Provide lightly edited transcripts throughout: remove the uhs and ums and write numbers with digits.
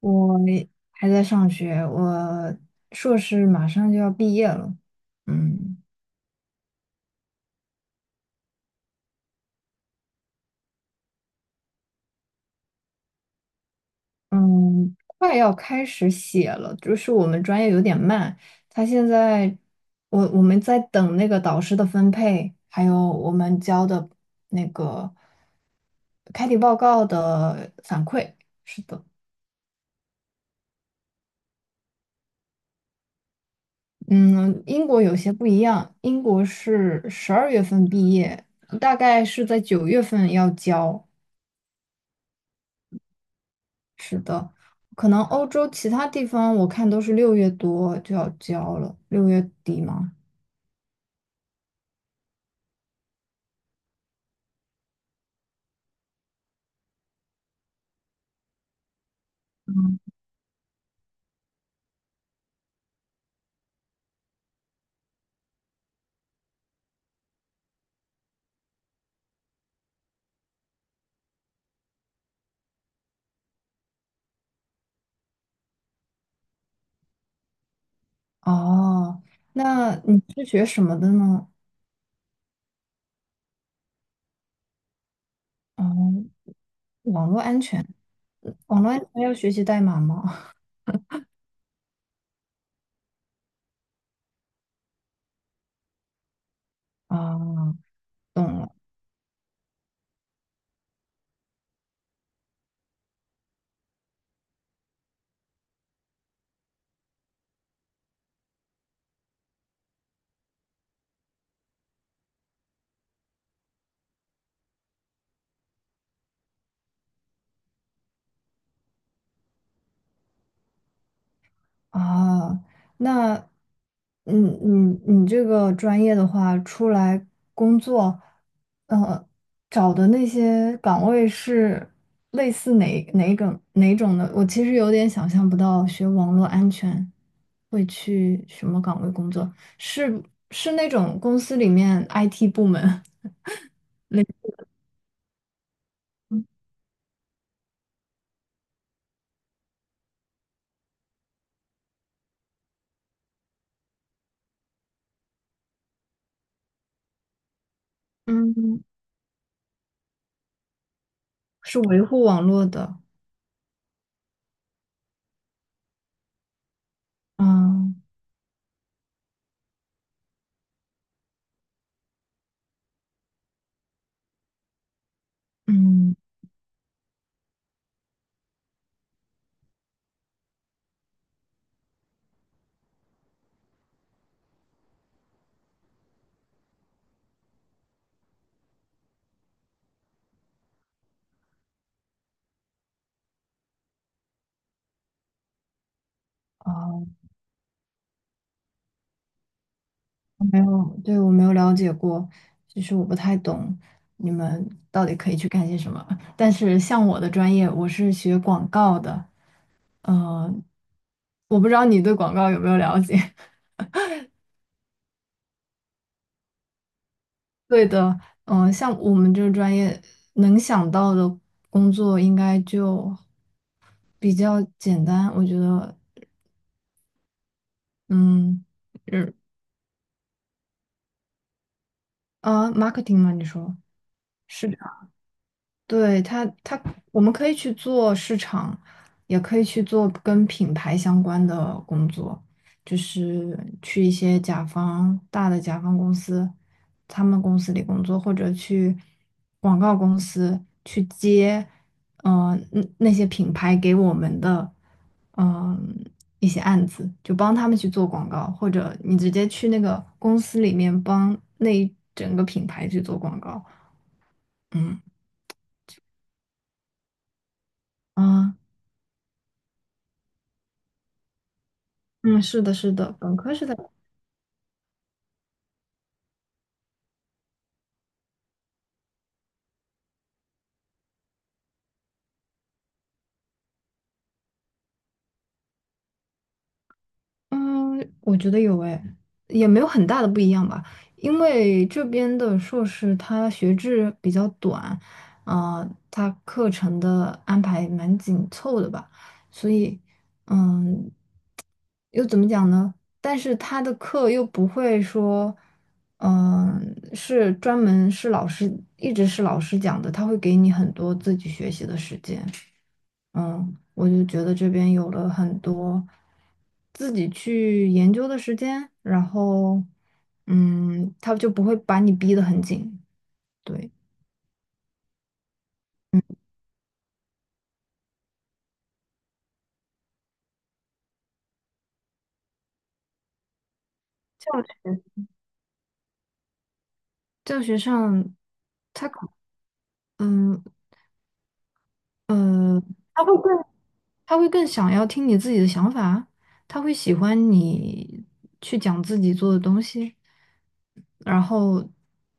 我还在上学，我硕士马上就要毕业了。嗯嗯，快要开始写了，就是我们专业有点慢，他现在我们在等那个导师的分配，还有我们交的那个开题报告的反馈。是的。嗯，英国有些不一样，英国是十二月份毕业，大概是在九月份要交。是的，可能欧洲其他地方我看都是六月多就要交了，六月底吗？哦，那你是学什么的呢？哦，网络安全，网络安全要学习代码吗？啊，懂了。啊，那，嗯，你这个专业的话，出来工作，呃，找的那些岗位是类似哪种的？我其实有点想象不到，学网络安全会去什么岗位工作？是是那种公司里面 IT 部门，嗯，是维护网络的。嗯嗯。哦，没有，对，我没有了解过，其实我不太懂你们到底可以去干些什么。但是像我的专业，我是学广告的，呃，我不知道你对广告有没有了解。对的。像我们这个专业能想到的工作应该就比较简单，我觉得。嗯。嗯。啊，marketing 吗？你说？是，对，他我们可以去做市场，也可以去做跟品牌相关的工作，就是去一些甲方，大的甲方公司，他们公司里工作，或者去广告公司去接，那那些品牌给我们的嗯、一些案子，就帮他们去做广告，或者你直接去那个公司里面帮那一整个品牌去做广告。嗯。啊，嗯，是的，是的，本科是在，嗯，我觉得有诶，也没有很大的不一样吧，因为这边的硕士它学制比较短，啊、它课程的安排蛮紧凑的吧，所以，嗯，又怎么讲呢？但是他的课又不会说，是专门是老师一直是老师讲的，他会给你很多自己学习的时间。嗯，我就觉得这边有了很多自己去研究的时间，然后，嗯，他就不会把你逼得很紧。对。教学教学上他可嗯呃，他会更他会更想要听你自己的想法，他会喜欢你去讲自己做的东西。然后，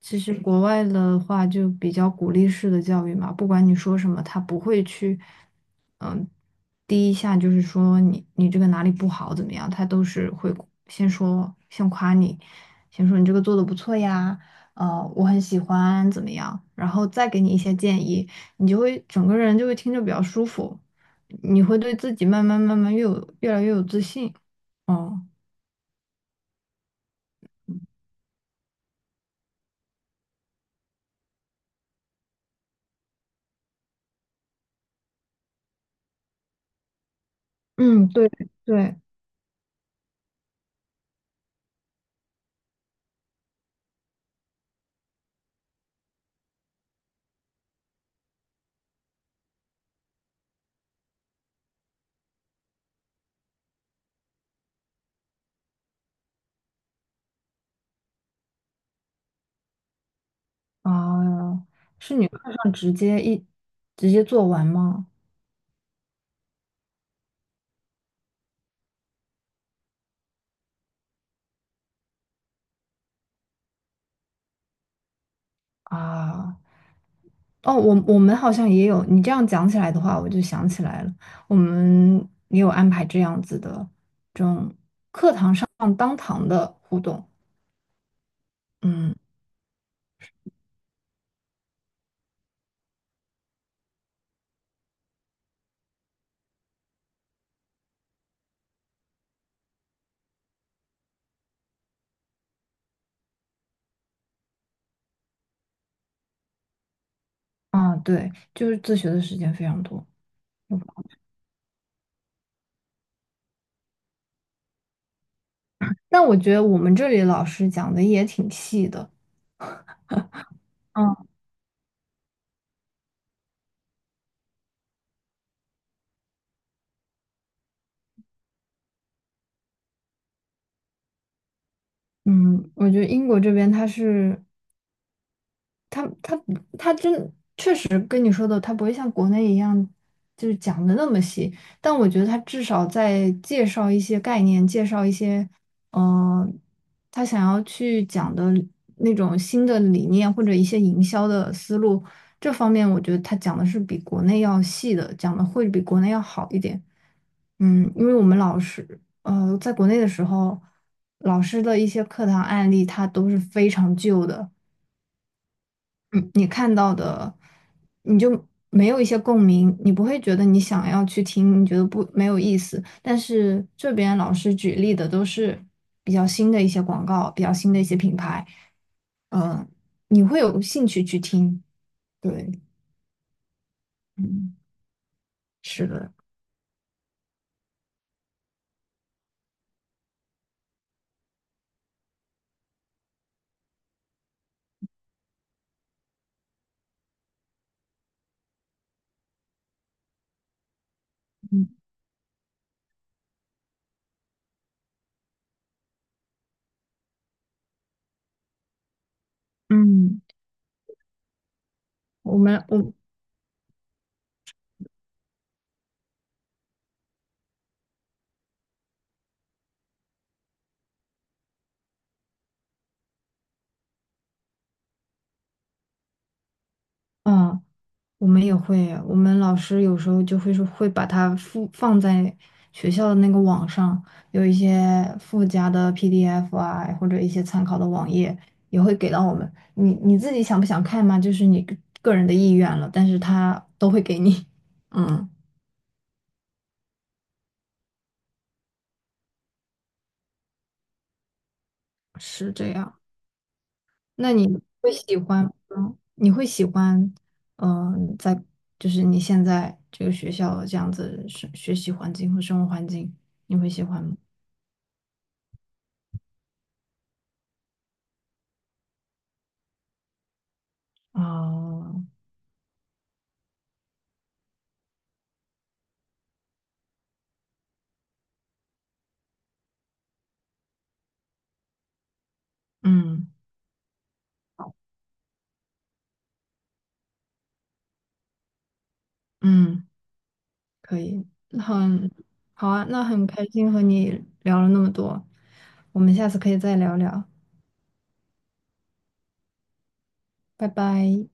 其实国外的话就比较鼓励式的教育嘛，不管你说什么，他不会去。第一下就是说你这个哪里不好怎么样，他都是会先夸你，先说你这个做的不错呀，呃，我很喜欢怎么样，然后再给你一些建议，你就会整个人就会听着比较舒服，你会对自己慢慢越来越有自信。哦。嗯，对。对啊，是你课上直接一直接做完吗？啊。哦，我我们好像也有，你这样讲起来的话，我就想起来了，我们也有安排这样子的这种放当堂的互动。嗯。啊，对，就是自学的时间非常多。但我觉得我们这里老师讲的也挺细的。嗯嗯，我觉得英国这边他是他他他真实跟你说的，它不会像国内一样就是讲的那么细，但我觉得他至少在介绍一些概念，介绍一些呃，他想要去讲的那种新的理念或者一些营销的思路，这方面我觉得他讲的是比国内要细的，讲的会比国内要好一点。嗯，因为我们老师呃，在国内的时候，老师的一些课堂案例，它都是非常旧的。嗯，你看到的，你就没有一些共鸣，你不会觉得你想要去听，你觉得不，没有意思。但是这边老师举例的都是比较新的一些广告，比较新的一些品牌，嗯，你会有兴趣去听。对。嗯，是的。嗯嗯，我们我啊。我们也会，我们老师有时候就会说会把它附放在学校的那个网上，有一些附加的 PDF 啊，或者一些参考的网页也会给到我们。你你自己想不想看嘛？就是你个人的意愿了，但是他都会给你。嗯，是这样。那你会喜欢吗？你会喜欢，在就是你现在这个学校这样子学习环境和生活环境，你会喜欢吗？啊。嗯嗯，可以，很好啊，那很开心和你聊了那么多，我们下次可以再聊聊。拜拜。